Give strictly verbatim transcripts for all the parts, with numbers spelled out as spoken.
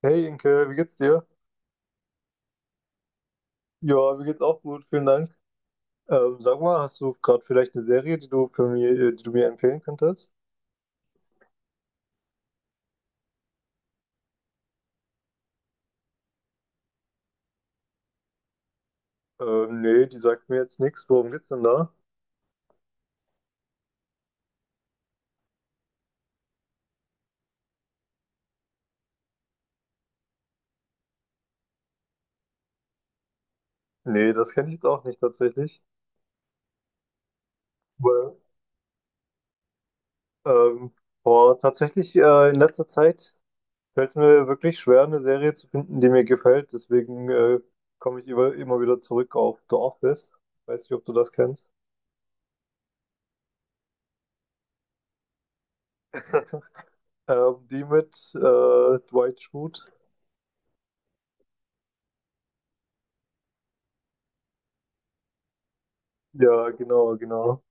Hey Inke, wie geht's dir? Ja, mir geht's auch gut, vielen Dank. Ähm, sag mal, hast du gerade vielleicht eine Serie, die du für mir, äh, die du mir empfehlen könntest? Ähm, nee, die sagt mir jetzt nichts. Worum geht's denn da? Nee, das kenne ich jetzt auch nicht tatsächlich. Well. Ähm, boah, tatsächlich äh, in letzter Zeit fällt mir wirklich schwer, eine Serie zu finden, die mir gefällt. Deswegen äh, komme ich über, immer wieder zurück auf The Office. Weiß nicht, ob du das kennst. Ähm, die mit äh, Dwight Schrute. Ja, genau, genau.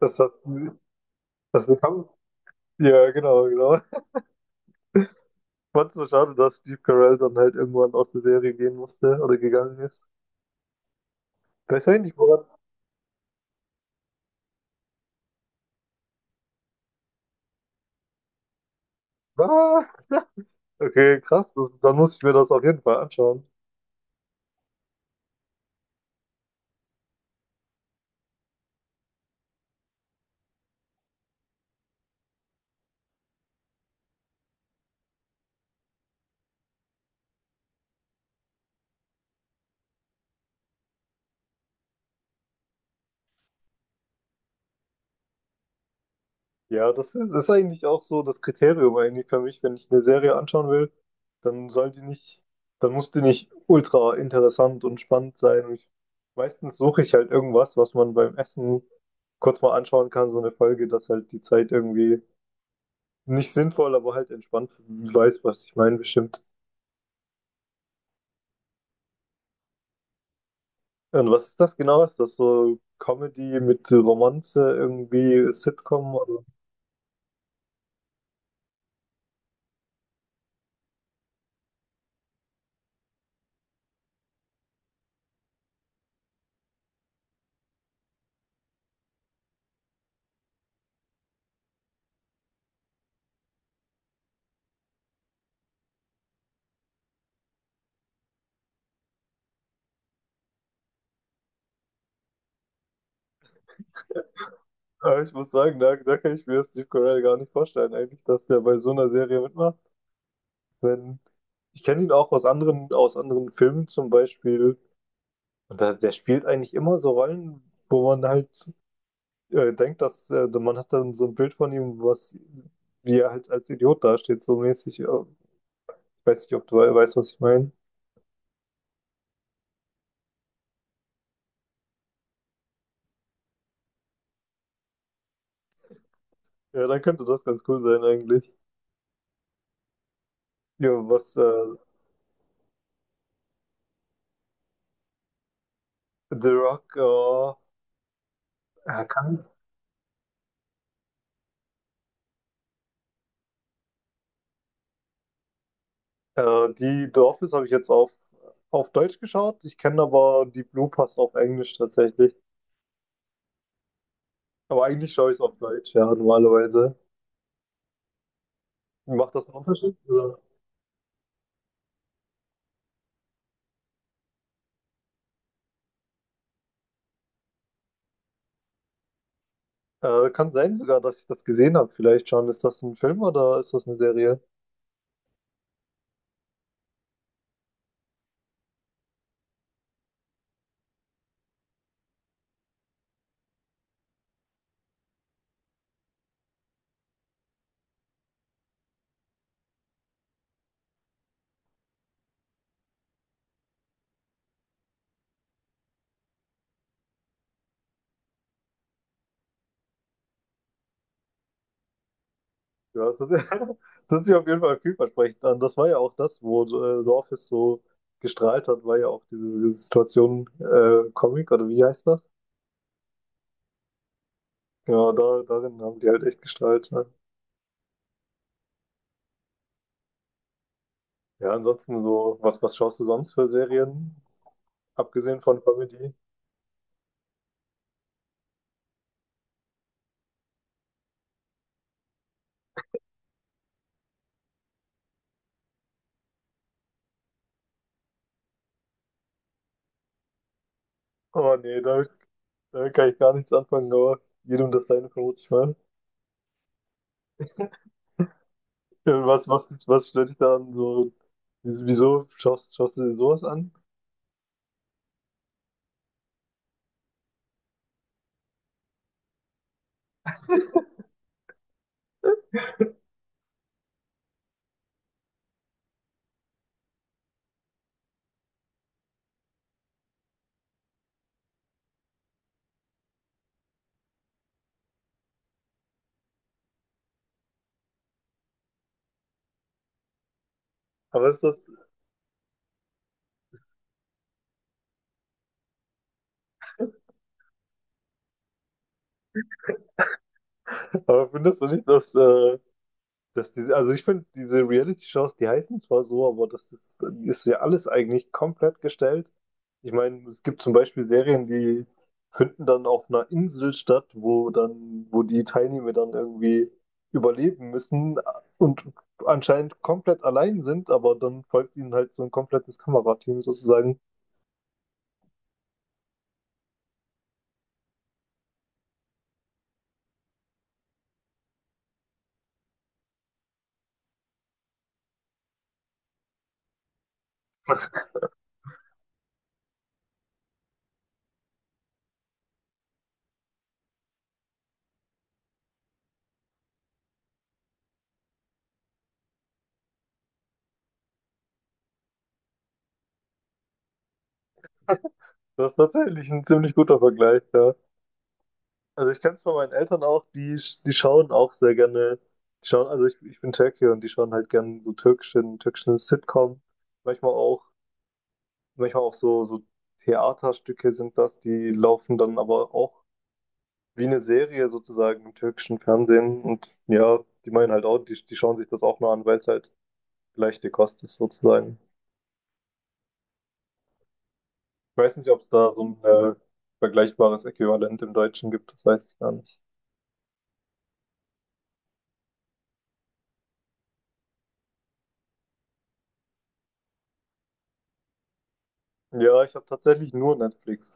Das hast das kam. Ja, genau, genau. Ich fand's so schade, dass Steve Carell dann halt irgendwann aus der Serie gehen musste oder gegangen ist. Ich weiß ich nicht, woran. Was? Okay, krass. Das, dann muss ich mir das auf jeden Fall anschauen. Ja, das ist, das ist eigentlich auch so das Kriterium eigentlich für mich, wenn ich eine Serie anschauen will, dann soll die nicht, dann muss die nicht ultra interessant und spannend sein. Und ich, meistens suche ich halt irgendwas, was man beim Essen kurz mal anschauen kann, so eine Folge, dass halt die Zeit irgendwie nicht sinnvoll, aber halt entspannt, du weißt, was ich meine, bestimmt. Und was ist das genau? Ist das so Comedy mit Romanze, irgendwie Sitcom oder? Ja, ich muss sagen, da, da kann ich mir Steve Carell gar nicht vorstellen, eigentlich, dass der bei so einer Serie mitmacht. Wenn, ich kenne ihn auch aus anderen, aus anderen Filmen zum Beispiel. Und da, der spielt eigentlich immer so Rollen, wo man halt äh, denkt, dass äh, man hat dann so ein Bild von ihm, was, wie er halt als Idiot dasteht, so mäßig. Äh, Ich weiß nicht, ob du weißt, was ich meine. Ja, dann könnte das ganz cool sein eigentlich. Ja, was äh, The Rock äh, er kann. Äh, die The Office habe ich jetzt auf, auf Deutsch geschaut. Ich kenne aber die Blue Pass auf Englisch tatsächlich. Aber eigentlich schaue ich es auf Deutsch, ja, normalerweise. Macht das einen Unterschied? Oder? Äh, kann sein sogar, dass ich das gesehen habe. Vielleicht schon. Ist das ein Film oder ist das eine Serie? Ja, das, ist, das hört sich auf jeden Fall vielversprechend an. Das war ja auch das, wo äh, The Office so gestrahlt hat, war ja auch diese, diese Situation äh, Comic oder wie heißt das? Ja, da, darin haben die halt echt gestrahlt. Ne? Ja, ansonsten so, was, was schaust du sonst für Serien? Abgesehen von Comedy? Oh nee, damit, damit kann ich gar nichts anfangen, aber jedem das seine vermute ich mal. Ja, Was, was, was stört dich daran so? Wieso schaust, schaust du dir sowas an? Aber ist das, aber findest du nicht, dass, äh, dass diese, also ich finde, diese Reality-Shows, die heißen zwar so, aber das ist, ist ja alles eigentlich komplett gestellt. Ich meine, es gibt zum Beispiel Serien, die finden dann auf einer Insel statt, wo dann, wo die Teilnehmer dann irgendwie überleben müssen und anscheinend komplett allein sind, aber dann folgt ihnen halt so ein komplettes Kamerateam sozusagen. Das ist tatsächlich ein ziemlich guter Vergleich, ja. Also ich kenne es von meinen Eltern auch, die, sch- die schauen auch sehr gerne, die schauen, also ich, ich bin Türke und die schauen halt gerne so türkischen, türkischen Sitcom. Manchmal auch, manchmal auch so, so Theaterstücke sind das, die laufen dann aber auch wie eine Serie sozusagen im türkischen Fernsehen. Und ja, die meinen halt auch, die, die schauen sich das auch mal an, weil es halt leichte Kost ist sozusagen. Ich weiß nicht, ob es da so ein äh, vergleichbares Äquivalent im Deutschen gibt, das weiß ich gar nicht. Ja, ich habe tatsächlich nur Netflix.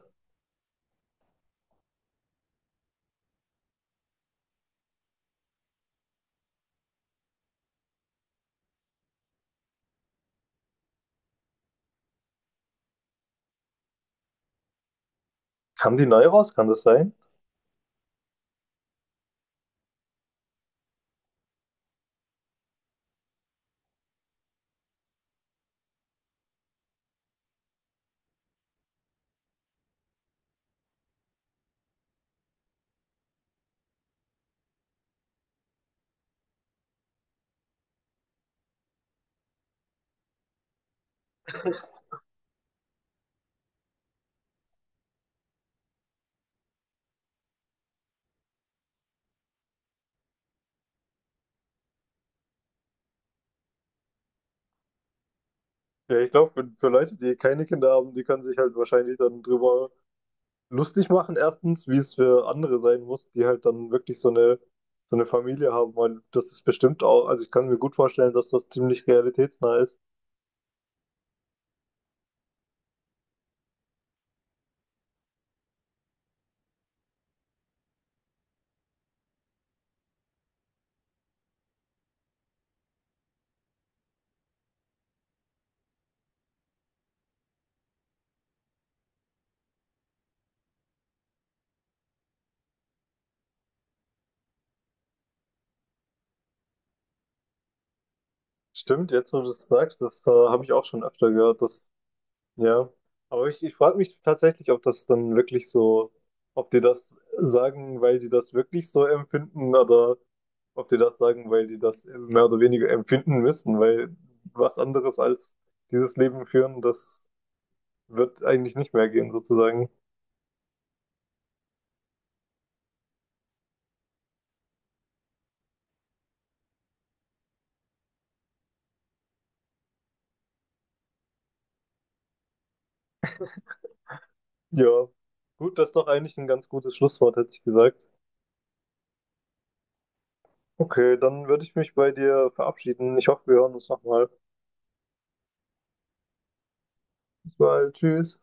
Haben die neu raus? Kann das sein? Ja, ich glaube, für, für Leute, die keine Kinder haben, die können sich halt wahrscheinlich dann drüber lustig machen, erstens, wie es für andere sein muss, die halt dann wirklich so eine, so eine Familie haben, weil das ist bestimmt auch, also ich kann mir gut vorstellen, dass das ziemlich realitätsnah ist. Stimmt, jetzt wo du es sagst, das äh, habe ich auch schon öfter gehört, dass ja, aber ich, ich frage mich tatsächlich, ob das dann wirklich so, ob die das sagen, weil die das wirklich so empfinden oder ob die das sagen, weil die das mehr oder weniger empfinden müssen, weil was anderes als dieses Leben führen, das wird eigentlich nicht mehr gehen, sozusagen. Ja, gut, das ist doch eigentlich ein ganz gutes Schlusswort, hätte ich gesagt. Okay, dann würde ich mich bei dir verabschieden. Ich hoffe, wir hören uns nochmal. Bis bald, tschüss.